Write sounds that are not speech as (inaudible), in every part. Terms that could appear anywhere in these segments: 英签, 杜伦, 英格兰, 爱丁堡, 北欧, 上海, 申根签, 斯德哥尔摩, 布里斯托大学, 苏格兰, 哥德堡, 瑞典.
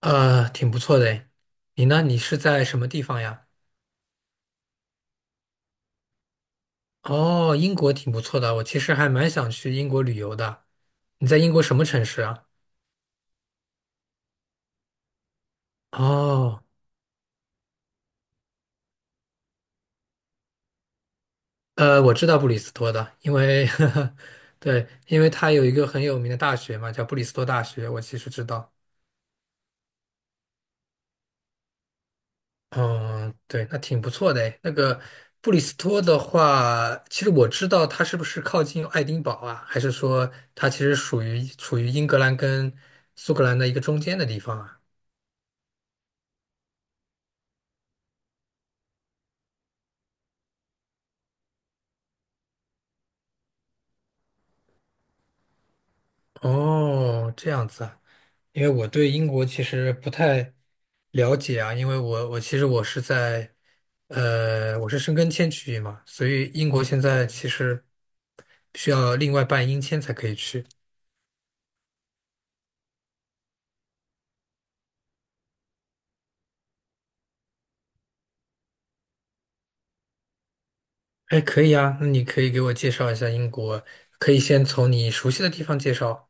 挺不错的诶。你呢？你是在什么地方呀？哦，英国挺不错的，我其实还蛮想去英国旅游的。你在英国什么城市啊？哦，我知道布里斯托的，因为 (laughs) 对，因为它有一个很有名的大学嘛，叫布里斯托大学，我其实知道。嗯，对，那挺不错的诶。那个布里斯托的话，其实我知道它是不是靠近爱丁堡啊？还是说它其实属于处于英格兰跟苏格兰的一个中间的地方啊？哦，这样子啊，因为我对英国其实不太了解啊，因为我其实我是在，我是申根签区域嘛，所以英国现在其实需要另外办英签才可以去。哎，可以啊，那你可以给我介绍一下英国，可以先从你熟悉的地方介绍。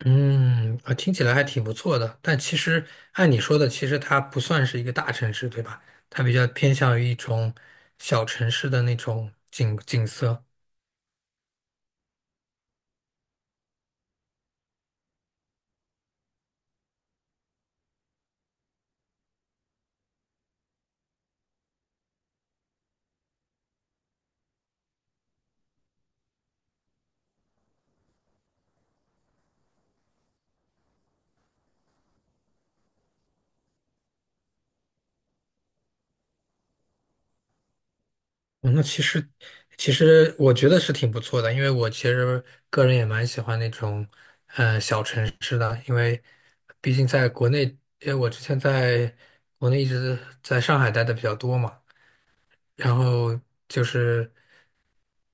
嗯，啊，听起来还挺不错的，但其实按你说的，其实它不算是一个大城市，对吧？它比较偏向于一种小城市的那种景色。哦那其实，其实我觉得是挺不错的，因为我其实个人也蛮喜欢那种，小城市的，因为毕竟在国内，因为我之前在国内一直在上海待的比较多嘛，然后就是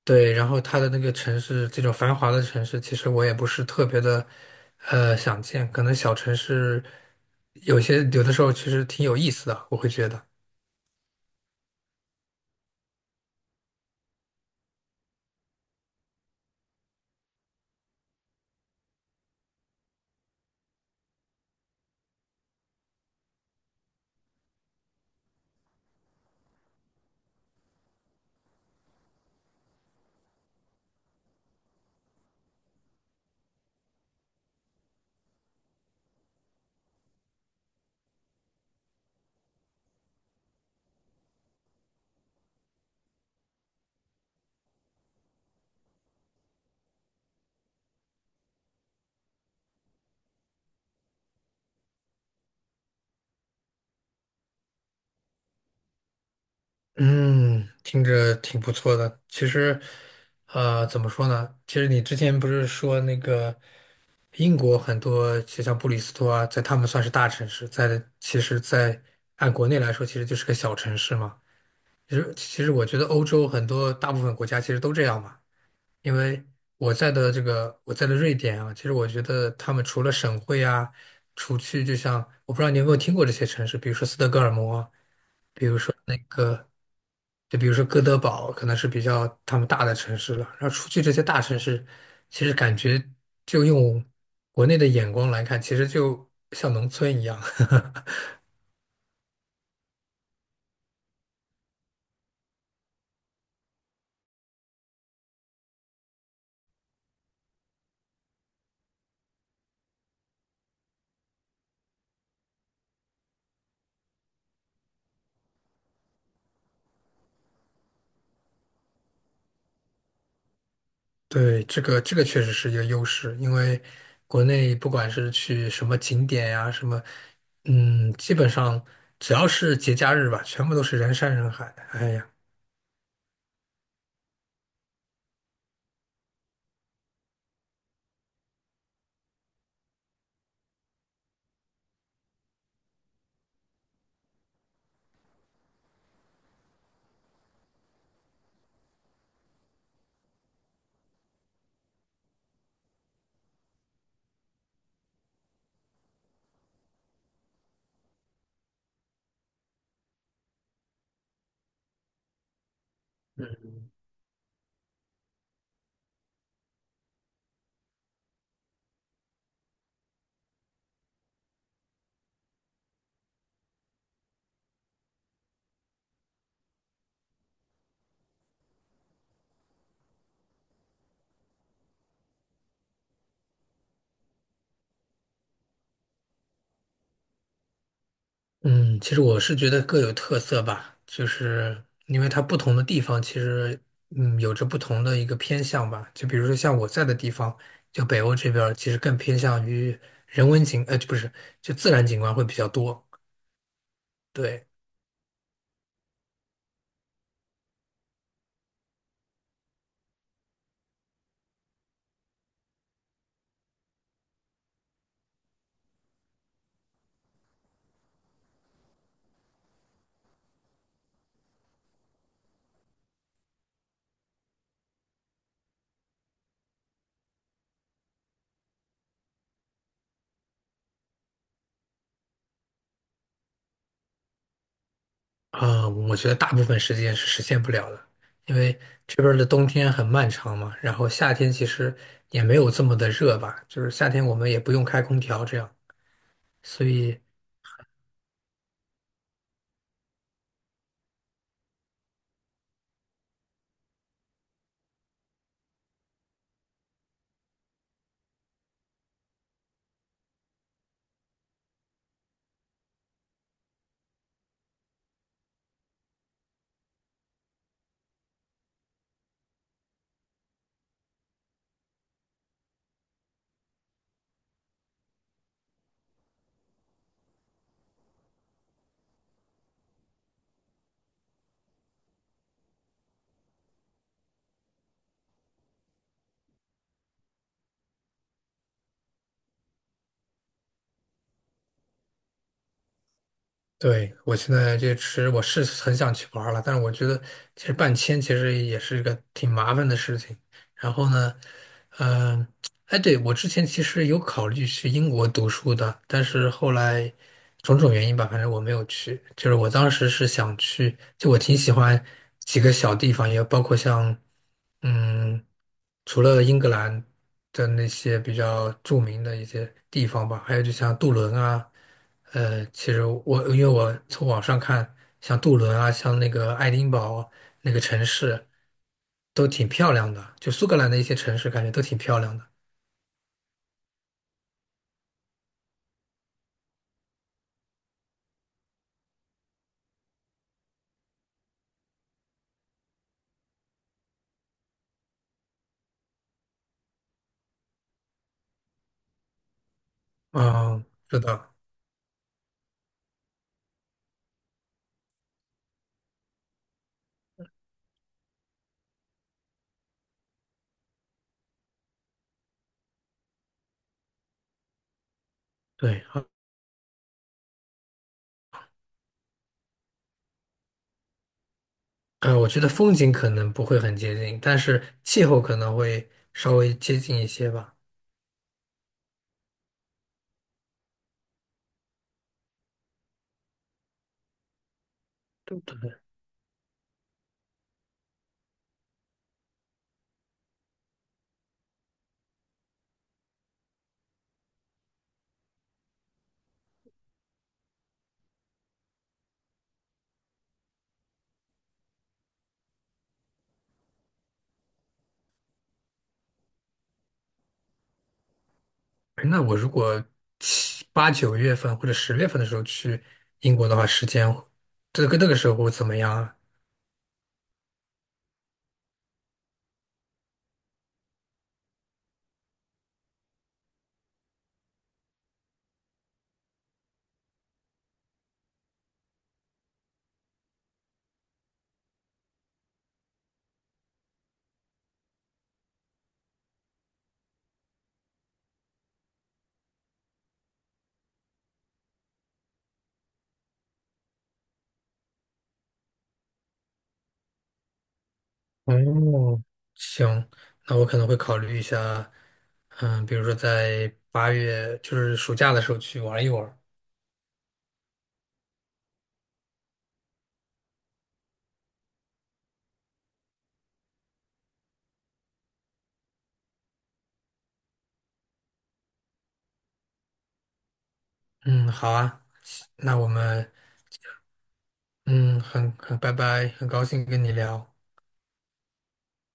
对，然后它的那个城市，这种繁华的城市，其实我也不是特别的，想见，可能小城市有的时候其实挺有意思的，我会觉得。嗯，听着挺不错的。其实，怎么说呢？其实你之前不是说那个英国很多，就像布里斯托啊，在他们算是大城市，在其实在按国内来说，其实就是个小城市嘛。其实，其实我觉得欧洲很多大部分国家其实都这样嘛。因为我在的瑞典啊，其实我觉得他们除了省会啊，除去就像我不知道你有没有听过这些城市，比如说斯德哥尔摩啊就比如说哥德堡，可能是比较他们大的城市了。然后出去这些大城市，其实感觉就用国内的眼光来看，其实就像农村一样。(laughs) 对，这个确实是一个优势，因为国内不管是去什么景点呀、什么，嗯，基本上只要是节假日吧，全部都是人山人海。哎呀。嗯，其实我是觉得各有特色吧，就是因为它不同的地方，其实有着不同的一个偏向吧。就比如说像我在的地方，就北欧这边儿其实更偏向于人文景，不是，就自然景观会比较多。对，啊，我觉得大部分时间是实现不了的，因为这边儿的冬天很漫长嘛，然后夏天其实也没有这么的热吧，就是夏天我们也不用开空调这样。所以对，我现在这吃，我是很想去玩儿了，但是我觉得其实办签其实也是一个挺麻烦的事情。然后呢，嗯、哎，对，我之前其实有考虑去英国读书的，但是后来种种原因吧，反正我没有去。就是我当时是想去，就我挺喜欢几个小地方，也包括像，嗯，除了英格兰的那些比较著名的一些地方吧，还有就像杜伦啊，其实我因为我从网上看，像杜伦啊，像那个爱丁堡那个城市。都挺漂亮的，就苏格兰的一些城市感觉都挺漂亮的。嗯，是的，对，我觉得风景可能不会很接近，但是气候可能会稍微接近一些吧。对对，那我如果7、8、9月份或者10月份的时候去英国的话，时间这个那个时候会怎么样啊？哦，行，那我可能会考虑一下，嗯，比如说在8月，就是暑假的时候去玩一玩。嗯，好啊，那我们。嗯，很拜拜，很高兴跟你聊。